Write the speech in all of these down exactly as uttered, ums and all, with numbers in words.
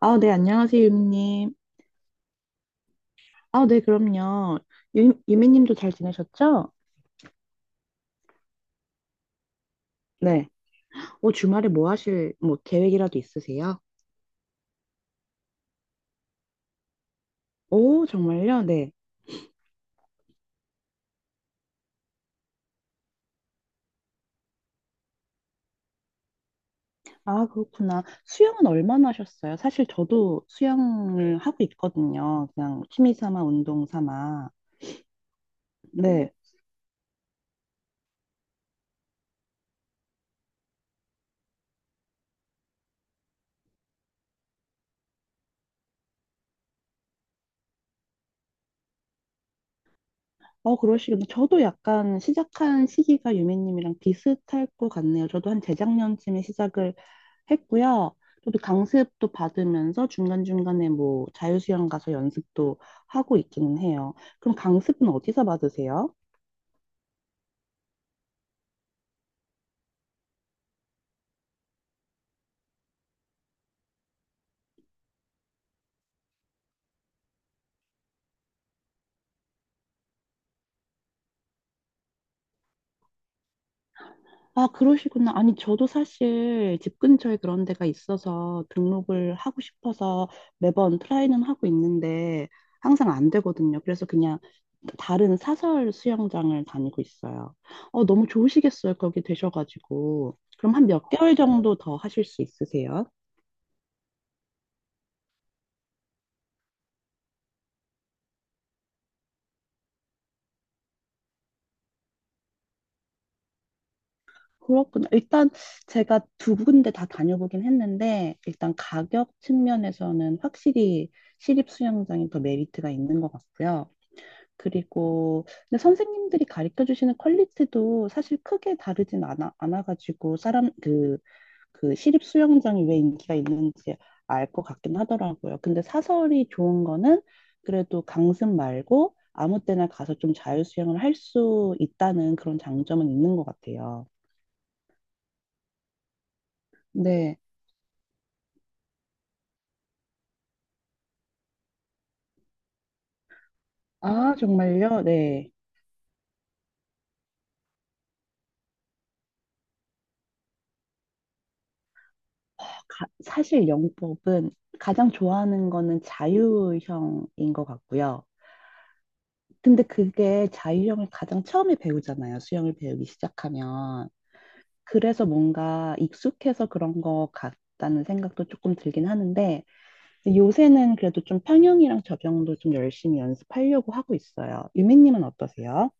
아, 네, 안녕하세요, 유미님. 아, 네, 그럼요. 유, 유미님도 잘 지내셨죠? 네. 오, 주말에 뭐 하실, 뭐, 계획이라도 있으세요? 오, 정말요? 네. 아, 그렇구나. 수영은 얼마나 하셨어요? 사실 저도 수영을 하고 있거든요. 그냥 취미 삼아, 운동 삼아. 네. 어, 그러시군요. 저도 약간 시작한 시기가 유미님이랑 비슷할 것 같네요. 저도 한 재작년쯤에 시작을 했고요. 저도 강습도 받으면서 중간중간에 뭐 자유수영 가서 연습도 하고 있기는 해요. 그럼 강습은 어디서 받으세요? 아, 그러시구나. 아니, 저도 사실 집 근처에 그런 데가 있어서 등록을 하고 싶어서 매번 트라이는 하고 있는데 항상 안 되거든요. 그래서 그냥 다른 사설 수영장을 다니고 있어요. 어, 너무 좋으시겠어요. 거기 되셔가지고. 그럼 한 몇 개월 정도 더 하실 수 있으세요? 그렇군요. 일단 제가 두 군데 다 다녀보긴 했는데, 일단 가격 측면에서는 확실히 시립 수영장이 더 메리트가 있는 것 같고요. 그리고 근데 선생님들이 가르쳐 주시는 퀄리티도 사실 크게 다르진 않아, 않아가지고 사람 그, 그 시립 수영장이 왜 인기가 있는지 알 것 같긴 하더라고요. 근데 사설이 좋은 거는 그래도 강습 말고 아무 때나 가서 좀 자유 수영을 할 수 있다는 그런 장점은 있는 것 같아요. 아, 정말요? 네. 가- 사실 영법은 가장 좋아하는 거는 자유형인 것 같고요. 근데 그게 자유형을 가장 처음에 배우잖아요. 수영을 배우기 시작하면. 그래서 뭔가 익숙해서 그런 것 같다는 생각도 조금 들긴 하는데, 요새는 그래도 좀 평형이랑 접영도 좀 열심히 연습하려고 하고 있어요. 유미님은 어떠세요?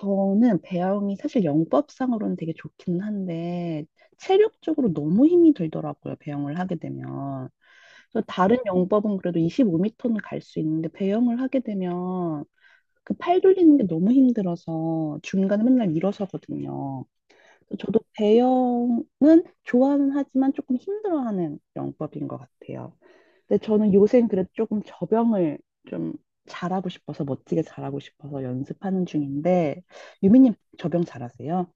저는 배영이 사실 영법상으로는 되게 좋기는 한데 체력적으로 너무 힘이 들더라고요. 배영을 하게 되면. 그래서 다른 영법은 그래도 이십오 미터는 갈 수 있는데 배영을 하게 되면 그 팔 돌리는 게 너무 힘들어서 중간에 맨날 일어서거든요. 그래서 저도 배영은 좋아는 하지만 조금 힘들어하는 영법인 것 같아요. 근데 저는 요새는 그래도 조금 저병을 좀 잘하고 싶어서 멋지게 잘하고 싶어서 연습하는 중인데 유미님 저병 잘하세요?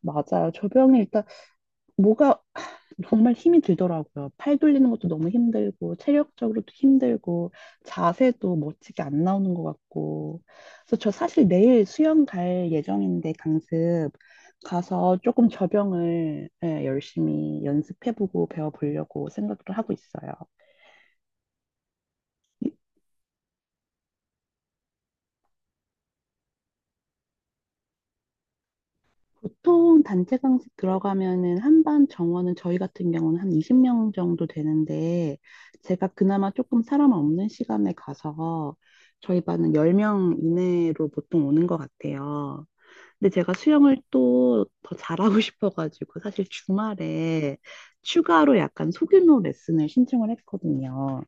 맞아요. 저병이 일단 뭐가 정말 힘이 들더라고요. 팔 돌리는 것도 너무 힘들고 체력적으로도 힘들고 자세도 멋지게 안 나오는 것 같고 그래서 저 사실 내일 수영 갈 예정인데 강습 가서 조금 저병을 예, 열심히 연습해보고 배워보려고 생각을 하고 있어요. 보통 단체 강습 들어가면은 한 반 정원은 저희 같은 경우는 한 이십 명 정도 되는데 제가 그나마 조금 사람 없는 시간에 가서 저희 반은 십 명 이내로 보통 오는 것 같아요. 근데 제가 수영을 또 더 잘하고 싶어가지고 사실 주말에 추가로 약간 소규모 레슨을 신청을 했거든요.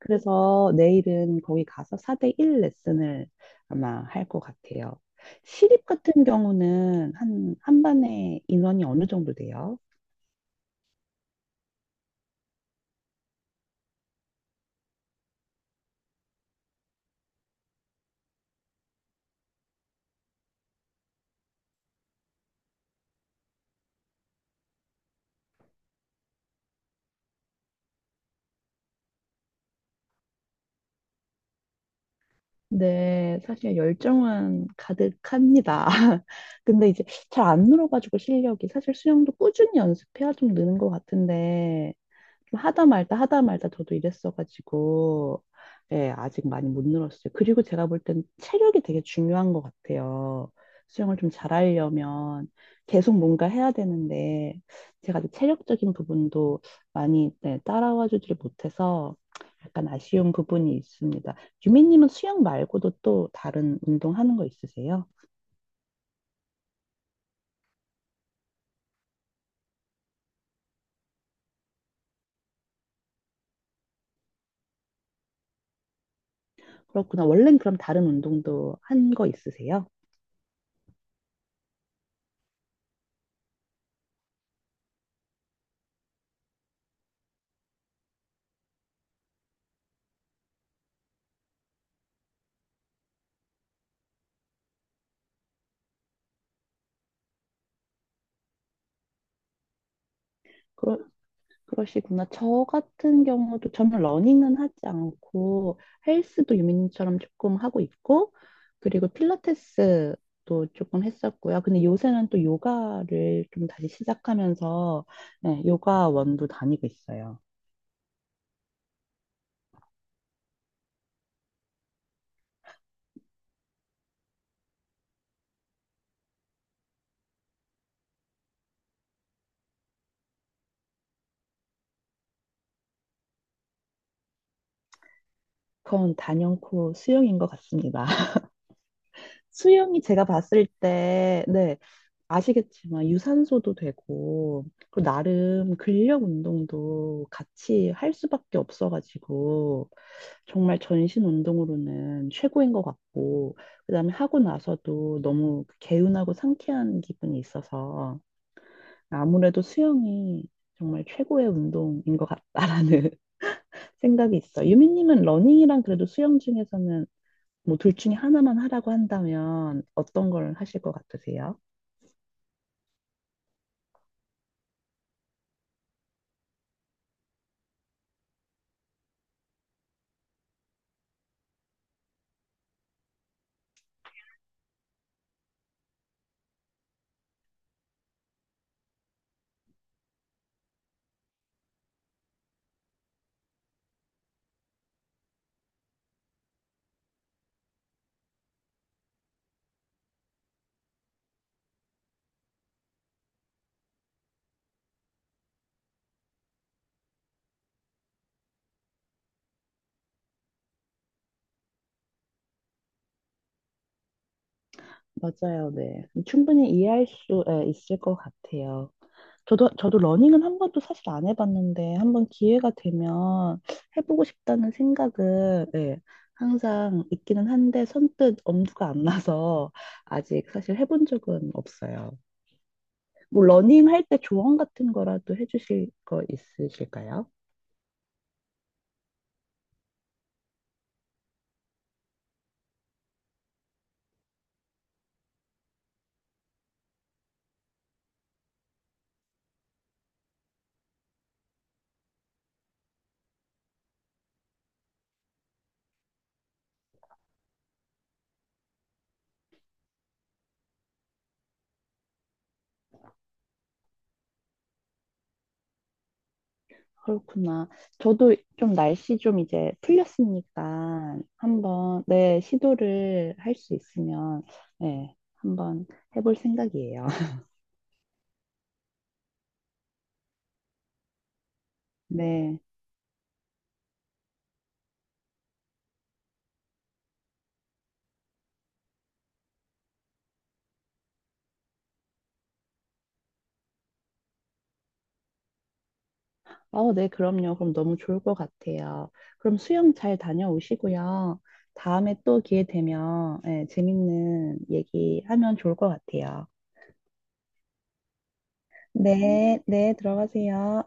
그래서 내일은 거기 가서 사 대 일 레슨을 아마 할 것 같아요. 시립 같은 경우는 한, 한 반에 인원이 어느 정도 돼요? 네, 사실 열정은 가득합니다. 근데 이제 잘 안 늘어가지고 실력이 사실 수영도 꾸준히 연습해야 좀 느는 것 같은데 좀 하다 말다 하다 말다 저도 이랬어가지고 예, 아직 많이 못 늘었어요. 그리고 제가 볼 땐 체력이 되게 중요한 것 같아요. 수영을 좀 잘하려면 계속 뭔가 해야 되는데 제가 이제 체력적인 부분도 많이 네, 따라와 주지를 못해서 약간 아쉬운 부분이 있습니다. 유미님은 수영 말고도 또 다른 운동 하는 거 있으세요? 그렇구나. 원래는 그럼 다른 운동도 한 거 있으세요? 그러, 그러시구나. 저 같은 경우도 저는 러닝은 하지 않고 헬스도 유민님처럼 조금 하고 있고 그리고 필라테스도 조금 했었고요. 근데 요새는 또 요가를 좀 다시 시작하면서 네, 요가원도 다니고 있어요. 그건 단연코 수영인 것 같습니다. 수영이 제가 봤을 때, 네, 아시겠지만 유산소도 되고 그리고 나름 근력 운동도 같이 할 수밖에 없어가지고 정말 전신 운동으로는 최고인 것 같고 그다음에 하고 나서도 너무 개운하고 상쾌한 기분이 있어서 아무래도 수영이 정말 최고의 운동인 것 같다라는 생각이 있어. 유미님은 러닝이랑 그래도 수영 중에서는 뭐 둘 중에 하나만 하라고 한다면 어떤 걸 하실 것 같으세요? 맞아요, 네. 충분히 이해할 수 예, 있을 것 같아요. 저도, 저도 러닝은 한 번도 사실 안 해봤는데, 한 번 기회가 되면 해보고 싶다는 생각은, 예, 항상 있기는 한데, 선뜻 엄두가 안 나서 아직 사실 해본 적은 없어요. 뭐, 러닝 할 때 조언 같은 거라도 해주실 거 있으실까요? 그렇구나. 저도 좀 날씨 좀 이제 풀렸으니까 한번 네, 시도를 할 수 있으면 네, 한번 해볼 생각이에요. 네. 어, 네, 그럼요. 그럼 너무 좋을 것 같아요. 그럼 수영 잘 다녀오시고요. 다음에 또 기회 되면 네, 재밌는 얘기하면 좋을 것 같아요. 네, 네, 들어가세요.